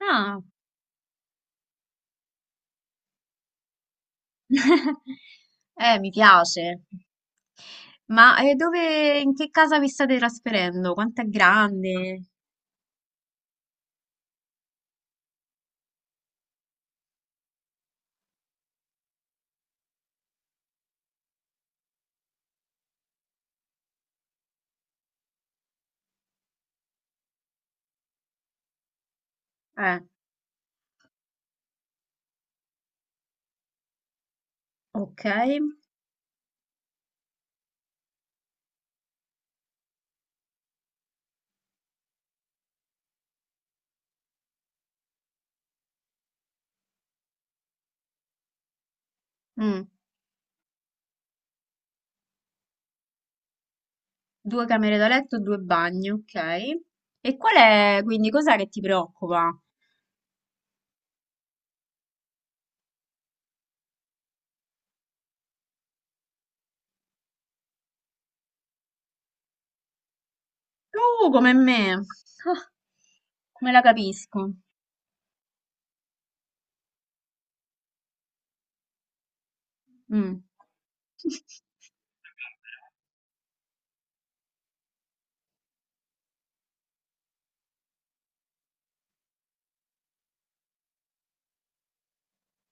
Ah, mi piace. Ma dove, in che casa vi state trasferendo? Quanto è grande? Eh, ok. Mm. Due camere da letto, due bagni, ok. E qual è, quindi, cos'è che ti preoccupa? Come me. Ah, come la capisco. Mm.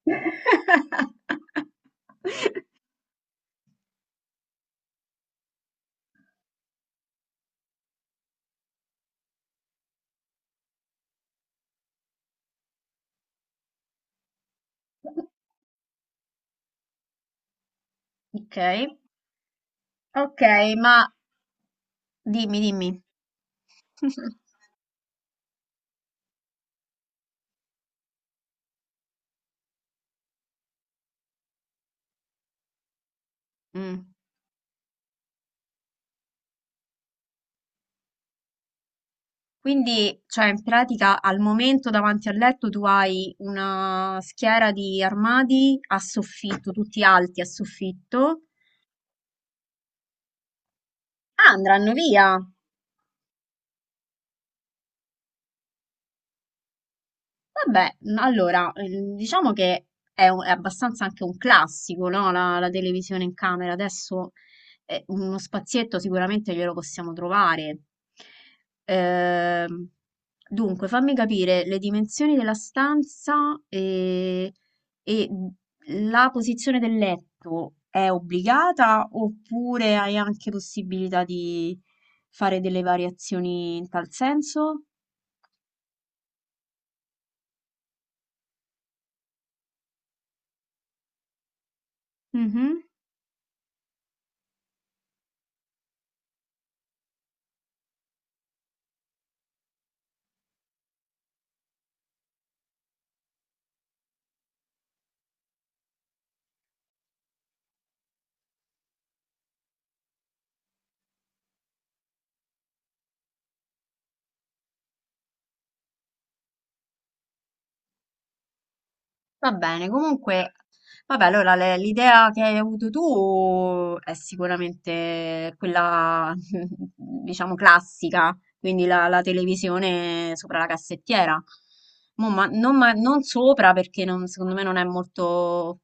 Ok, ok, ma dimmi, dimmi. Mm. Quindi, cioè, in pratica al momento davanti al letto tu hai una schiera di armadi a soffitto, tutti alti a soffitto. Ah, andranno via! Vabbè, allora, diciamo che è, è abbastanza anche un classico, no? La televisione in camera. Adesso uno spazietto sicuramente glielo possiamo trovare. Ehm, dunque, fammi capire le dimensioni della stanza e la posizione del letto è obbligata oppure hai anche possibilità di fare delle variazioni in tal senso? Mhm. Va bene, comunque, vabbè, allora l'idea che hai avuto tu è sicuramente quella, diciamo, classica, quindi la televisione sopra la cassettiera. Non, non sopra perché secondo me non è molto,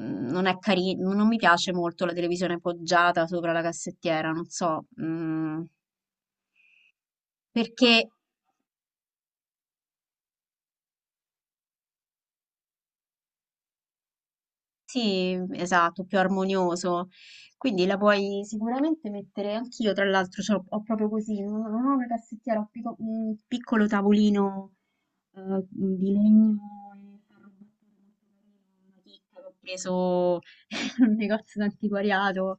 non è carino, non mi piace molto la televisione poggiata sopra la cassettiera, non so, perché sì, esatto, più armonioso. Quindi la puoi sicuramente mettere anch'io, tra l'altro, ho proprio così, non ho una cassettiera, ho un piccolo tavolino di legno e ferro battuto molto carino, una chicca che ho preso in un negozio d'antiquariato,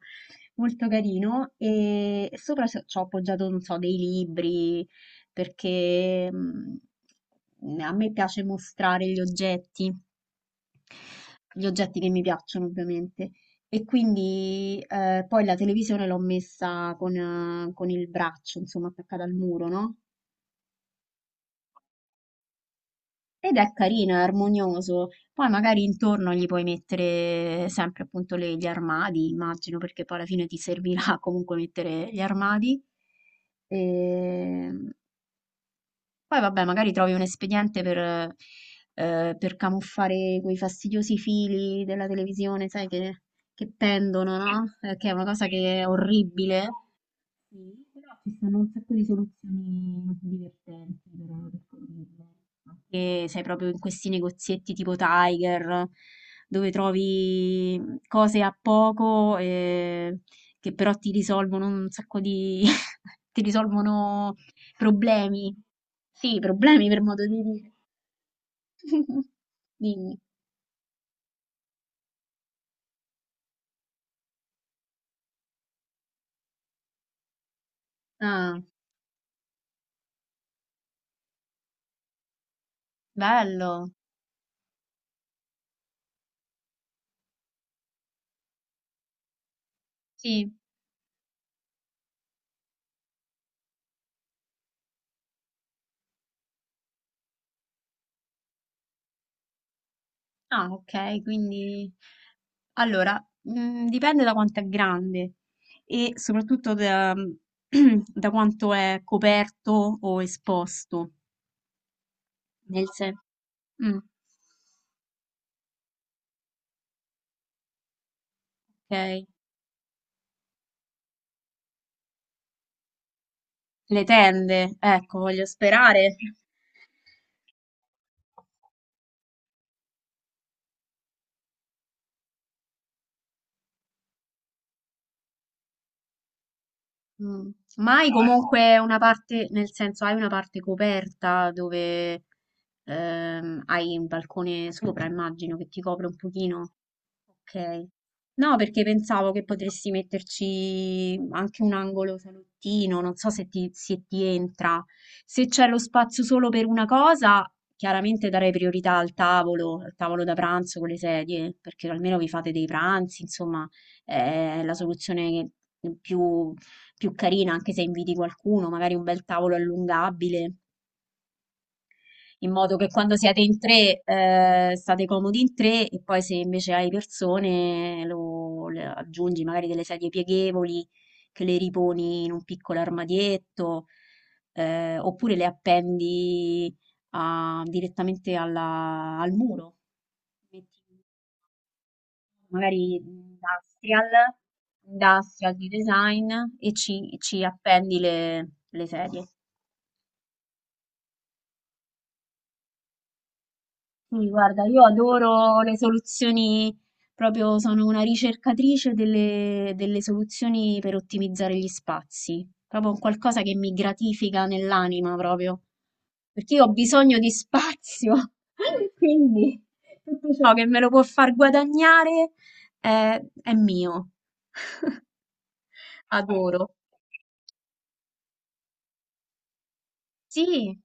molto carino, e sopra ci ho appoggiato, non so, dei libri, perché a me piace mostrare gli oggetti. Gli oggetti che mi piacciono, ovviamente. E quindi poi la televisione l'ho messa con il braccio, insomma, attaccata al muro, no? Ed è carino, è armonioso. Poi magari intorno gli puoi mettere sempre appunto gli armadi, immagino, perché poi alla fine ti servirà comunque mettere gli armadi. E poi vabbè, magari trovi un espediente per camuffare quei fastidiosi fili della televisione, sai, che pendono, no? Che è una cosa che è orribile. Sì, però ci stanno un sacco di soluzioni divertenti per condividere. Anche, sai, proprio in questi negozietti tipo Tiger, dove trovi cose a poco che però ti risolvono un sacco diti risolvono problemi. Sì, problemi per modo di dire. Dimmi. Ah, bello. Sì. Ah, ok, quindi... Allora, mhmm, dipende da quanto è grande e soprattutto da da quanto è coperto o esposto. Nel sen mh, okay. Le tende, ecco, voglio sperare. Mh. Ma hai comunque una parte nel senso, hai una parte coperta dove, hai un balcone sopra, immagino, che ti copre un pochino? Ok. No, perché pensavo che potresti metterci anche un angolo salottino, non so se ti, se ti entra. Se c'è lo spazio solo per una cosa, chiaramente darei priorità al tavolo da pranzo con le sedie, perché almeno vi fate dei pranzi, insomma, è la soluzione più, più carina, anche se inviti qualcuno, magari un bel tavolo allungabile in modo che quando siete in tre, state comodi in tre e poi se invece hai persone lo, le aggiungi magari delle sedie pieghevoli che le riponi in un piccolo armadietto, oppure le appendi direttamente al muro. Metti magari industrial, industrial di design e ci, ci appendi le sedie. Sì, guarda, io adoro le soluzioni, proprio sono una ricercatrice delle, delle soluzioni per ottimizzare gli spazi, proprio un qualcosa che mi gratifica nell'anima proprio, perché io ho bisogno di spazio, quindi tutto ciò che me lo può far guadagnare è mio, adoro. Sì,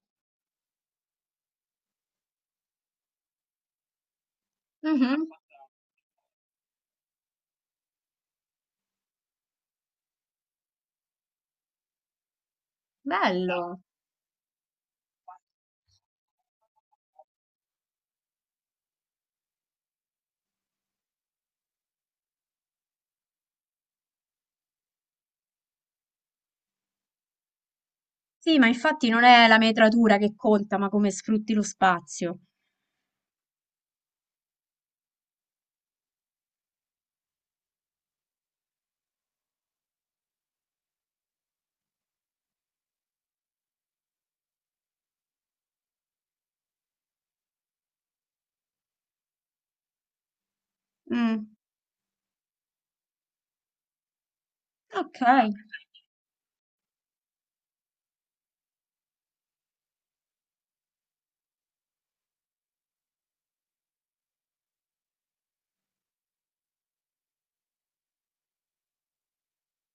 mhm, bello. Sì, ma infatti non è la metratura che conta, ma come sfrutti lo spazio. Mm, ok.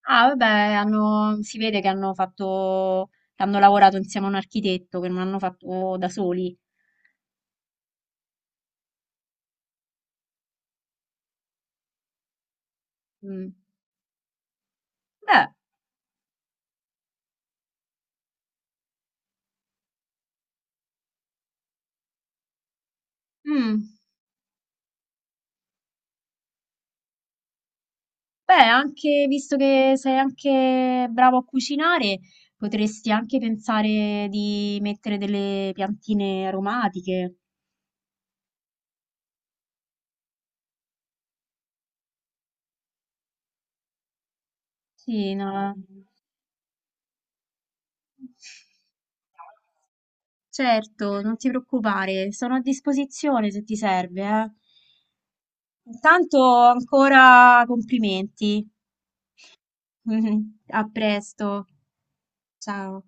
Ah, vabbè, hanno- si vede che hanno fatto, che hanno lavorato insieme a un architetto, che non hanno fatto da soli. Mm. Beh, mm, beh, anche visto che sei anche bravo a cucinare, potresti anche pensare di mettere delle piantine aromatiche. Sì, no. Certo, non ti preoccupare, sono a disposizione se ti serve, eh. Intanto ancora complimenti. A presto, ciao.